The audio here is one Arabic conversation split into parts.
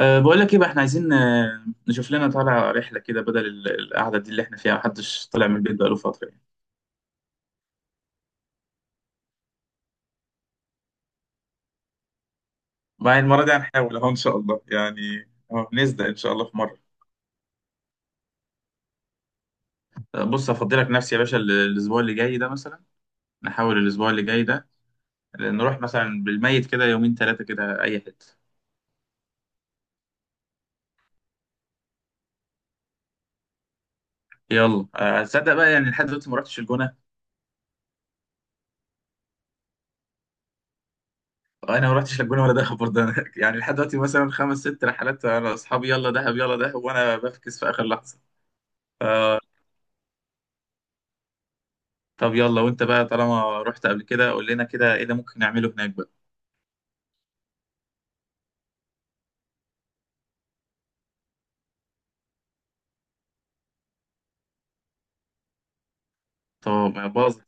بقول لك ايه بقى، احنا عايزين نشوف لنا طالع رحله كده بدل القعده دي اللي احنا فيها محدش طلع من البيت بقاله فتره يعني. مع المره دي هنحاول اهو ان شاء الله يعني نصدق ان شاء الله في مره. بص افضلك نفسي يا باشا الاسبوع اللي جاي ده مثلا. نحاول الاسبوع اللي جاي ده، نروح مثلا بالميت كده يومين ثلاثه كده اي حته. يلا تصدق بقى يعني لحد دلوقتي ما رحتش الجونه. انا ما رحتش الجونه ولا دهب برضه، أنا يعني لحد دلوقتي مثلا خمس ست رحلات انا اصحابي يلا دهب يلا دهب وانا بفكس في اخر لحظه. طب يلا، وانت بقى طالما رحت قبل كده قول لنا كده ايه اللي ممكن نعمله هناك بقى. طب باظ.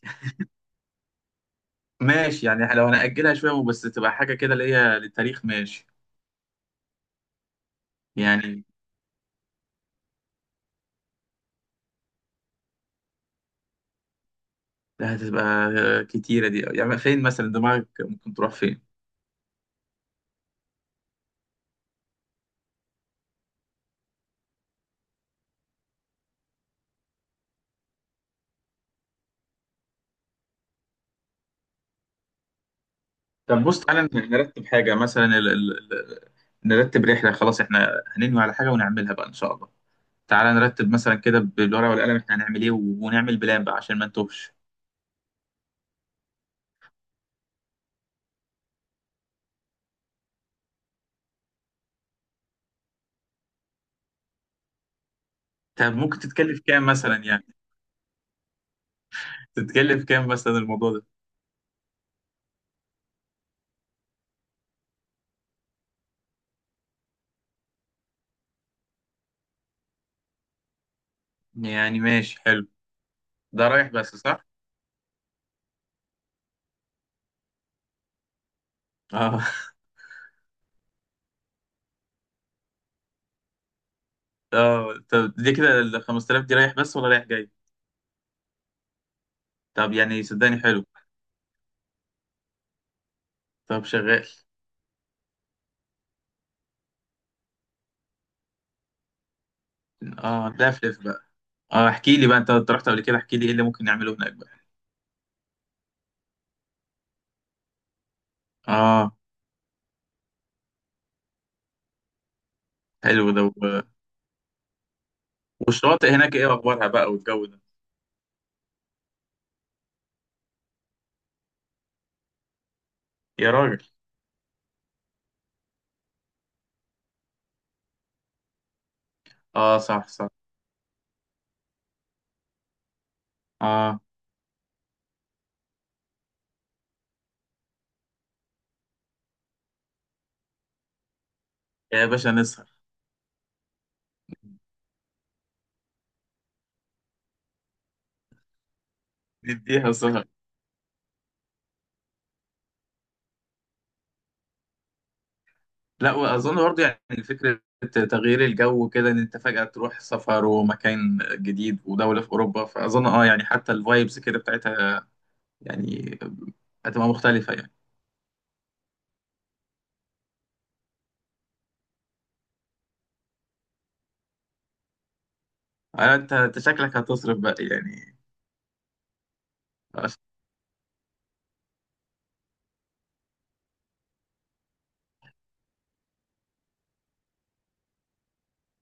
ماشي يعني لو هنأجلها شوية بس تبقى حاجة كده اللي هي للتاريخ ماشي. يعني هتبقى كتيرة دي، يعني فين مثلا دماغك ممكن تروح فين؟ طب بص، تعالى نرتب حاجة مثلا نرتب رحلة، خلاص احنا هننوي على حاجة ونعملها بقى ان شاء الله. تعالى نرتب مثلا كده بالورقة والقلم، احنا هنعمل ايه، ونعمل بلان بقى عشان ما نتوهش. طب ممكن تتكلف كام مثلا يعني؟ تتكلف كام مثلا الموضوع ده؟ يعني ماشي حلو. ده رايح بس صح؟ اه. اه طب دي كده ال 5000 دي رايح بس ولا رايح جاي؟ طب يعني صدقني حلو. طب شغال. اه لفلف بقى. اه احكي لي بقى، انت رحت قبل كده، احكي لي ايه اللي ممكن نعمله هناك بقى. اه. حلو ده، والشواطئ هناك ايه اخبارها بقى، والجو ده؟ يا راجل. اه صح صح. اه. يا باشا نسهر. نديها سهر. لا واظن برضه يعني فكره تغيير الجو كده، ان انت فجاه تروح سفر ومكان جديد ودوله في اوروبا، فاظن اه يعني حتى الفايبس كده بتاعتها يعني هتبقى مختلفة يعني. انت شكلك هتصرف بقى يعني. أص-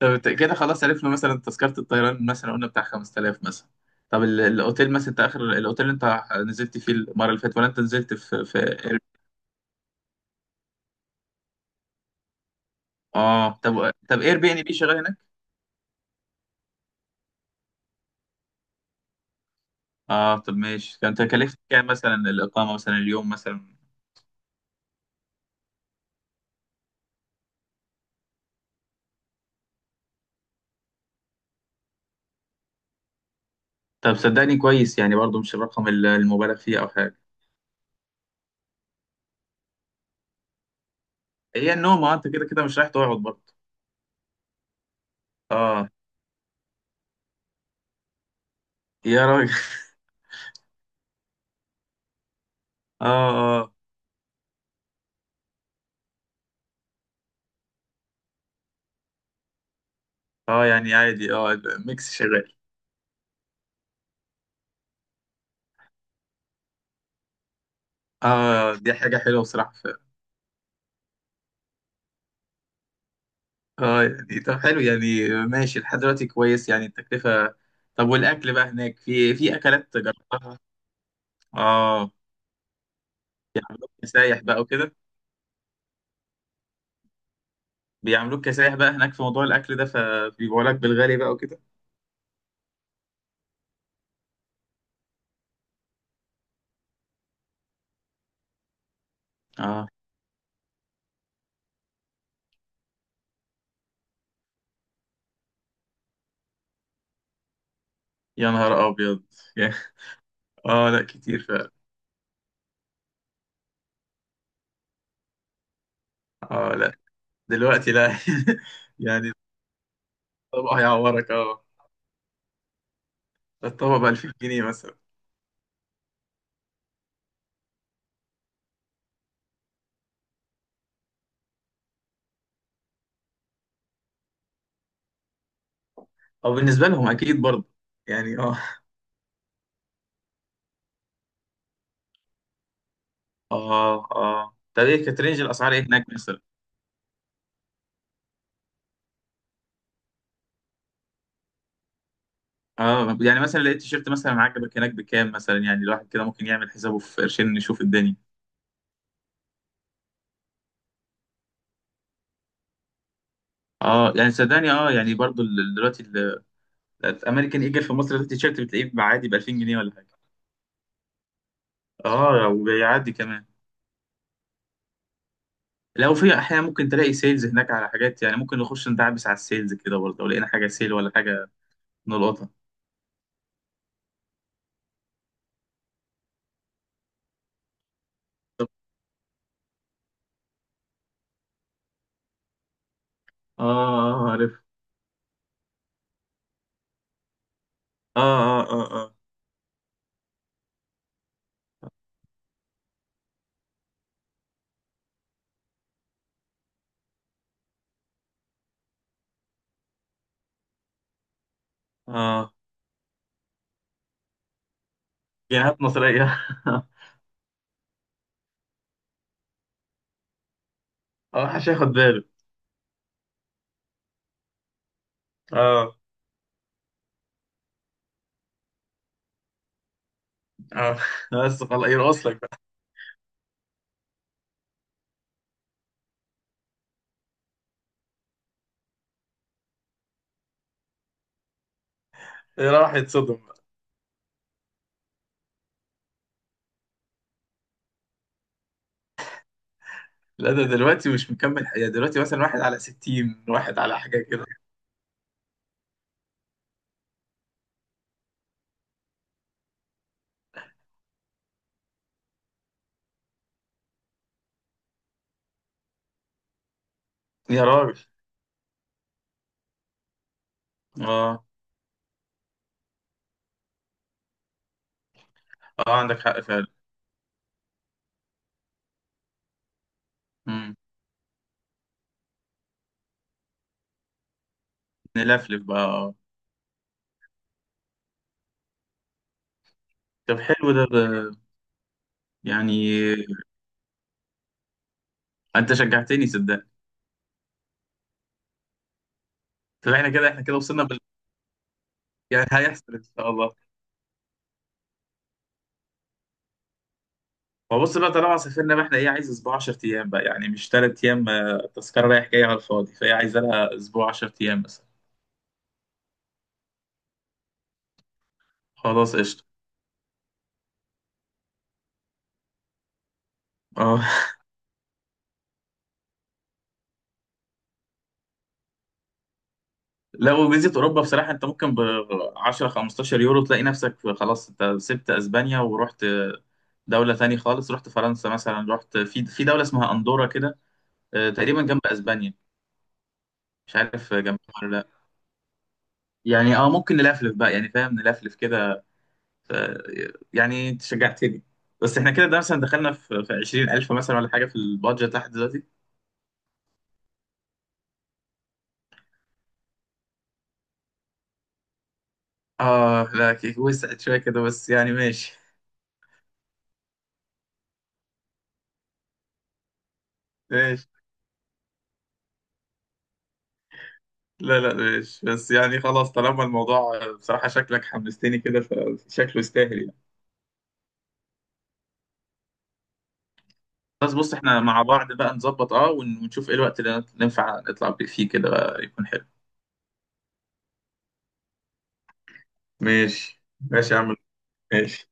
طب كده خلاص عرفنا مثلا تذكرة الطيران مثلا قلنا بتاع 5000 مثلا. طب الاوتيل مثلا، انت اخر الاوتيل اللي انت نزلت فيه المرة اللي فاتت، ولا انت نزلت في اير. اه طب طب اير بي ان بي شغال هناك؟ اه طب ماشي، كانت كلفت كام مثلا الاقامة مثلا اليوم مثلا؟ طب صدقني كويس يعني برضو مش الرقم المبالغ فيه او حاجة. هي النوم اه انت كده كده مش رايح تقعد برضه. اه. يا راجل اه اه يعني عادي، اه الميكس شغال. اه دي حاجة حلوة بصراحة اه يعني طب حلو يعني ماشي لحد دلوقتي كويس يعني التكلفة. طب والأكل بقى هناك، في أكلات جربتها؟ اه. كسايح بقى وكده. بيعملوك كسايح بقى هناك في موضوع الأكل ده، فبيبيعوا لك بالغالي بقى وكده. اه يا نهار أبيض يا- اه لا كتير فعلا. اه لا دلوقتي لا يعني. الطبق هيعورك اه. الطبق ب 2000 جنيه مثلا. او بالنسبة لهم أكيد برضه يعني. اه اه اه طب ايه كانت رينج الاسعار ايه هناك مثلا؟ اه يعني مثلا لقيت تيشيرت مثلا عجبك هناك بكام مثلا يعني، الواحد كده ممكن يعمل حسابه في قرشين نشوف الدنيا. اه يعني صدقني، اه يعني برضو دلوقتي الامريكان ايجل في مصر ده التيشيرت بتلاقيه عادي ب 2000 جنيه ولا حاجه. اه وبيعدي كمان. لو في احيانا ممكن تلاقي سيلز هناك على حاجات، يعني ممكن نخش ندعبس على السيلز كده برضه، لو لقينا حاجه سيل ولا حاجه نلقطها. اه اه آه، عارف. اه اه اه اه اه. جنيهات مصريه. اه حش ياخد باله. اه. اه بس خلاص يرقص لك بقى. راح يتصدم بقى. لا ده دلوقتي مش مكمل حياة دلوقتي، مثلا واحد على 60 واحد على حاجة كده. يا راجل. اه. اه عندك حق فعلا. مم. نلفلف بقى آه. طب حلو ده، ده يعني انت شجعتني صدقني. طب احنا كده احنا كده وصلنا بال... يعني هيحصل ان شاء الله. ما بص بقى، طالما سافرنا بقى احنا ايه، عايز اسبوع 10 ايام بقى يعني مش 3 ايام، آه، تذكرة رايح جاي على الفاضي، فهي عايزه لها اسبوع 10 ايام مثلا. خلاص قشطة. اه لا وفيزيت اوروبا بصراحه انت ممكن ب 10 15 يورو تلاقي نفسك خلاص انت سبت اسبانيا ورحت دوله تاني خالص، رحت فرنسا مثلا، رحت في دوله اسمها اندورا كده. آه، تقريبا جنب اسبانيا. مش عارف جنبها ولا لا. يعني اه ممكن نلفلف بقى يعني فاهم، نلفلف كده. ف- يعني انت شجعتني. بس احنا كده ده مثلا دخلنا في 20,000 مثلا ولا حاجه في البادجت لحد دلوقتي. اه لا كيك وسعت شويه كده بس يعني ماشي. ماشي. لا لا ماشي بس يعني خلاص، طالما الموضوع بصراحة شكلك حمستني كده، فشكله يستاهل يعني. خلاص بص احنا مع بعض بقى نظبط اه ونشوف ايه الوقت اللي ننفع نطلع فيه كده بقى يكون حلو. ماشي. ماشي يا عم. ماشي.